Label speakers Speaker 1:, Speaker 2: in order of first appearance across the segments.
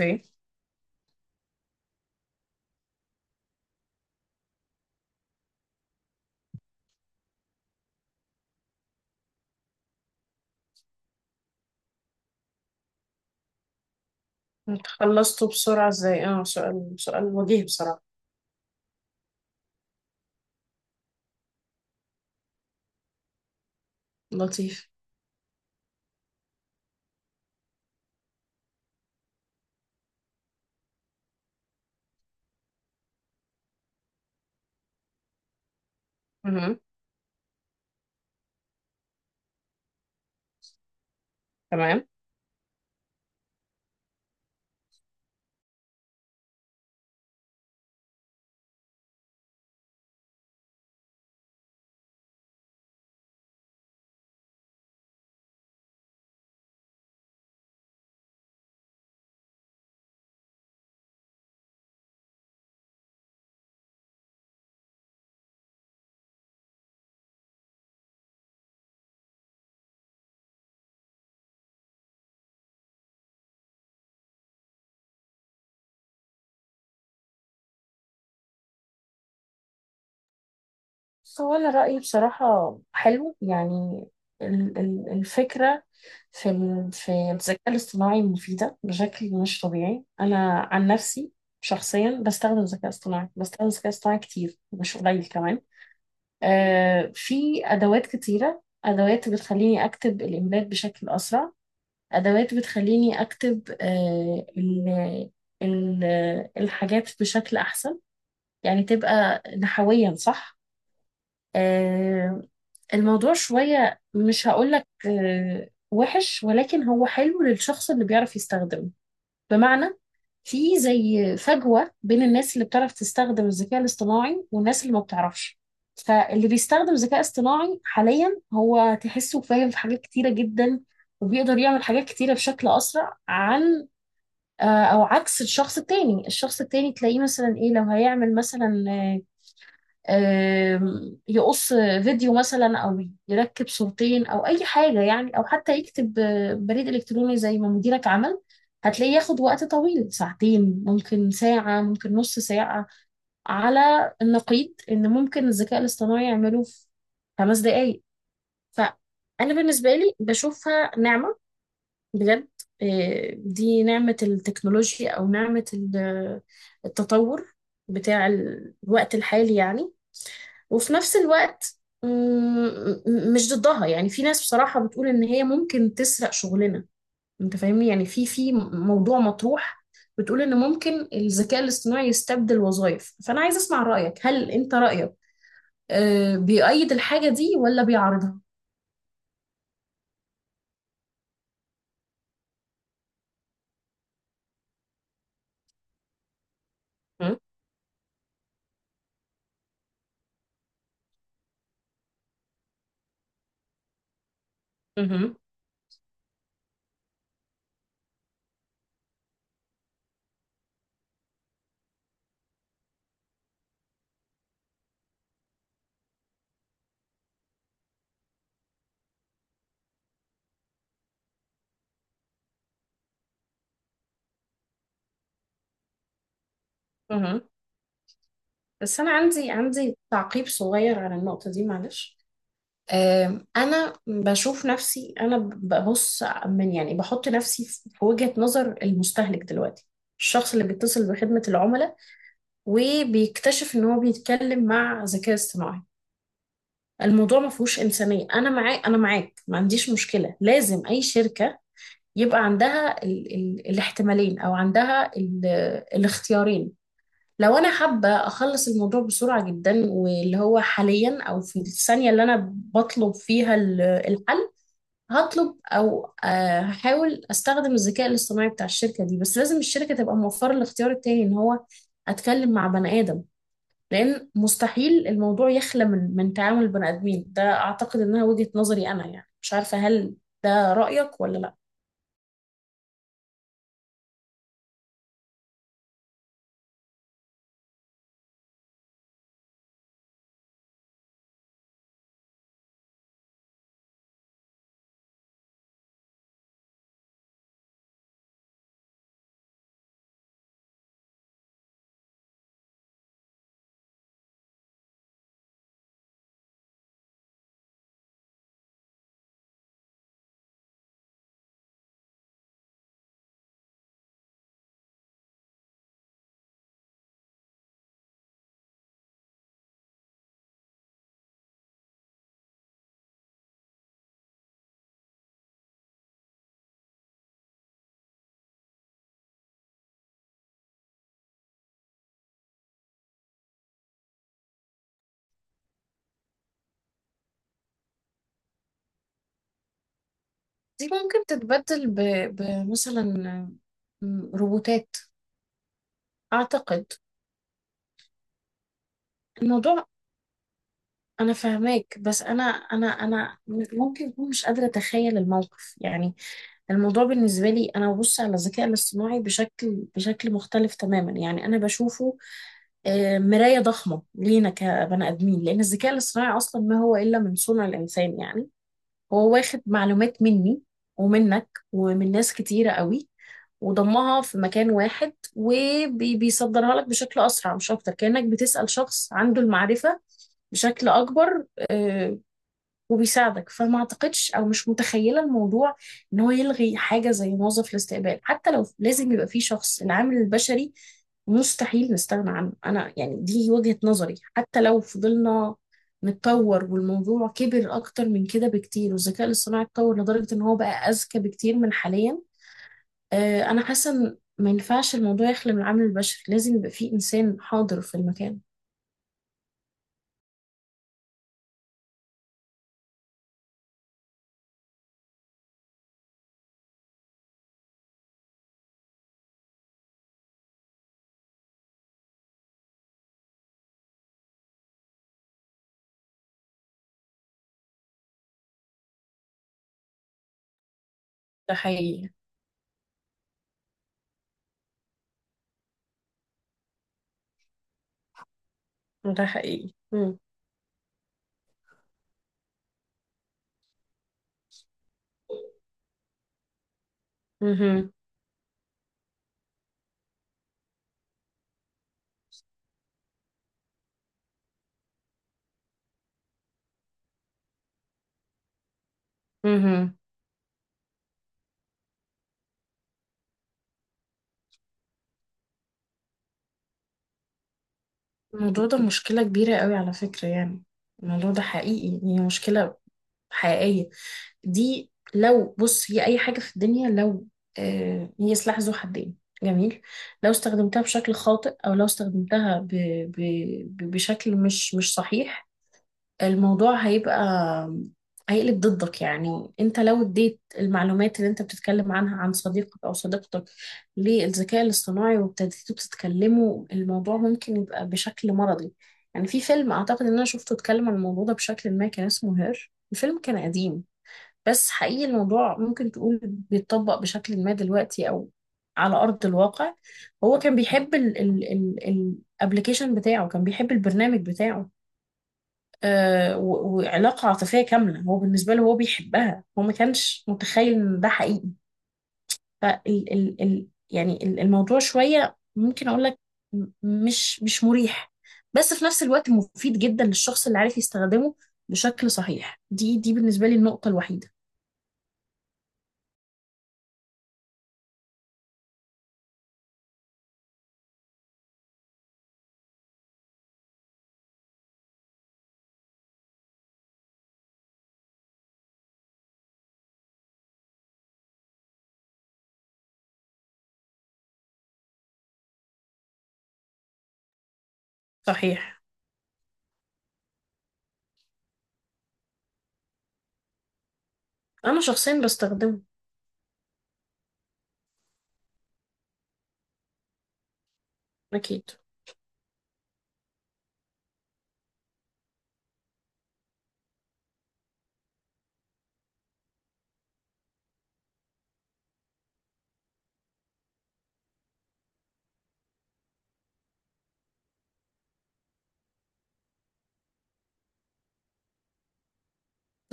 Speaker 1: اوكي. خلصته بسرعة ازاي، سؤال وجيه بصراحة. لطيف. مهم. تمام. هو أنا رأيي بصراحة حلو يعني. الفكرة في في الذكاء الاصطناعي مفيدة بشكل مش طبيعي. أنا عن نفسي شخصيا بستخدم الذكاء الاصطناعي، كتير مش قليل كمان. في أدوات كتيرة، أدوات بتخليني أكتب الإيميلات بشكل أسرع، أدوات بتخليني أكتب ال- الحاجات بشكل أحسن، يعني تبقى نحويا صح. آه، الموضوع شوية مش هقولك وحش، ولكن هو حلو للشخص اللي بيعرف يستخدمه. بمعنى في زي فجوة بين الناس اللي بتعرف تستخدم الذكاء الاصطناعي والناس اللي ما بتعرفش. فاللي بيستخدم ذكاء اصطناعي حاليا هو تحسه فاهم في حاجات كتيرة جدا، وبيقدر يعمل حاجات كتيرة بشكل أسرع عن آه، او عكس الشخص التاني. الشخص التاني تلاقيه مثلا ايه لو هيعمل مثلا آه، آم، يقص فيديو مثلا، او يركب صورتين، او اي حاجة يعني، او حتى يكتب بريد الكتروني زي ما مديرك عمل. هتلاقيه ياخد وقت طويل، ساعتين ممكن، ساعة ممكن، نص ساعة. على النقيض ان ممكن الذكاء الاصطناعي يعمله في 5 دقايق. فانا بالنسبه لي بشوفها نعمه بجد. دي نعمة التكنولوجيا أو نعمة التطور بتاع الوقت الحالي يعني. وفي نفس الوقت مش ضدها. يعني في ناس بصراحة بتقول إن هي ممكن تسرق شغلنا. أنت فاهمني يعني، في موضوع مطروح بتقول إن ممكن الذكاء الاصطناعي يستبدل وظائف. فأنا عايز أسمع رأيك، هل أنت رأيك بيؤيد الحاجة دي ولا بيعارضها؟ مهم. مهم. بس أنا عندي تعقيب صغير على النقطة دي معلش. أنا بشوف نفسي، أنا ببص من يعني، بحط نفسي في وجهة نظر المستهلك دلوقتي، الشخص اللي بيتصل بخدمة العملاء وبيكتشف إن هو بيتكلم مع ذكاء اصطناعي. الموضوع ما فيهوش إنسانية. أنا معاك، ما عنديش مشكلة. لازم أي شركة يبقى عندها ال ال الاحتمالين أو عندها الاختيارين. لو انا حابه اخلص الموضوع بسرعه جدا، واللي هو حاليا او في الثانيه اللي انا بطلب فيها الحل، هطلب او هحاول استخدم الذكاء الاصطناعي بتاع الشركه دي. بس لازم الشركه تبقى موفره الاختيار التاني، ان هو اتكلم مع بني ادم. لان مستحيل الموضوع يخلى من تعامل بني ادمين. ده اعتقد انها وجهه نظري انا يعني. مش عارفه هل ده رايك ولا لا. دي ممكن تتبدل بمثلا روبوتات. اعتقد الموضوع. انا فاهماك، بس انا ممكن اكون مش قادره اتخيل الموقف يعني. الموضوع بالنسبه لي، انا ببص على الذكاء الاصطناعي بشكل مختلف تماما يعني. انا بشوفه مرايه ضخمه لينا كبني ادمين، لان الذكاء الاصطناعي اصلا ما هو الا من صنع الانسان يعني. هو واخد معلومات مني ومنك ومن ناس كتيره قوي، وضمها في مكان واحد وبيصدرها لك بشكل اسرع مش اكتر. كانك بتسال شخص عنده المعرفه بشكل اكبر، آه، وبيساعدك. فما اعتقدش او مش متخيله الموضوع ان هو يلغي حاجه زي موظف الاستقبال. حتى لو لازم يبقى فيه شخص، العامل البشري مستحيل نستغنى عنه انا يعني. دي وجهه نظري. حتى لو فضلنا نتطور والموضوع كبر اكتر من كده بكتير، والذكاء الاصطناعي اتطور لدرجه ان هو بقى اذكى بكتير من حاليا، انا حاسه ان ما ينفعش الموضوع يخلى من العامل البشري. لازم يبقى فيه انسان حاضر في المكان. ده حقيقي. ده حقيقي. مم. مهم. مهم. الموضوع ده مشكلة كبيرة قوي على فكرة يعني. الموضوع ده حقيقي، هي مشكلة حقيقية. دي لو بص، هي أي حاجة في الدنيا لو هي سلاح ذو حدين. جميل. لو استخدمتها بشكل خاطئ أو لو استخدمتها ب ب ب بشكل مش صحيح، الموضوع هيبقى، هيقلب ضدك. يعني انت لو اديت المعلومات اللي انت بتتكلم عنها عن صديقك او صديقتك للذكاء الاصطناعي وابتديتوا تتكلموا، الموضوع ممكن يبقى بشكل مرضي. يعني في فيلم اعتقد ان انا شفته اتكلم عن الموضوع ده بشكل ما، كان اسمه هير. الفيلم كان قديم بس حقيقي الموضوع ممكن تقول بيتطبق بشكل ما دلوقتي او على ارض الواقع. هو كان بيحب الابلكيشن بتاعه، كان بيحب البرنامج بتاعه وعلاقة عاطفية كاملة. هو بالنسبة له هو بيحبها، هو ما كانش متخيل ان ده حقيقي. فال ال ال يعني ال- الموضوع شوية ممكن اقول لك مش مريح، بس في نفس الوقت مفيد جدا للشخص اللي عارف يستخدمه بشكل صحيح. دي بالنسبة لي النقطة الوحيدة. صحيح. انا شخصيا بستخدمه. اكيد.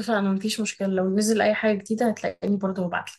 Speaker 1: فانا مفيش مشكلة، لو نزل اي حاجة جديدة هتلاقيني برضه ببعت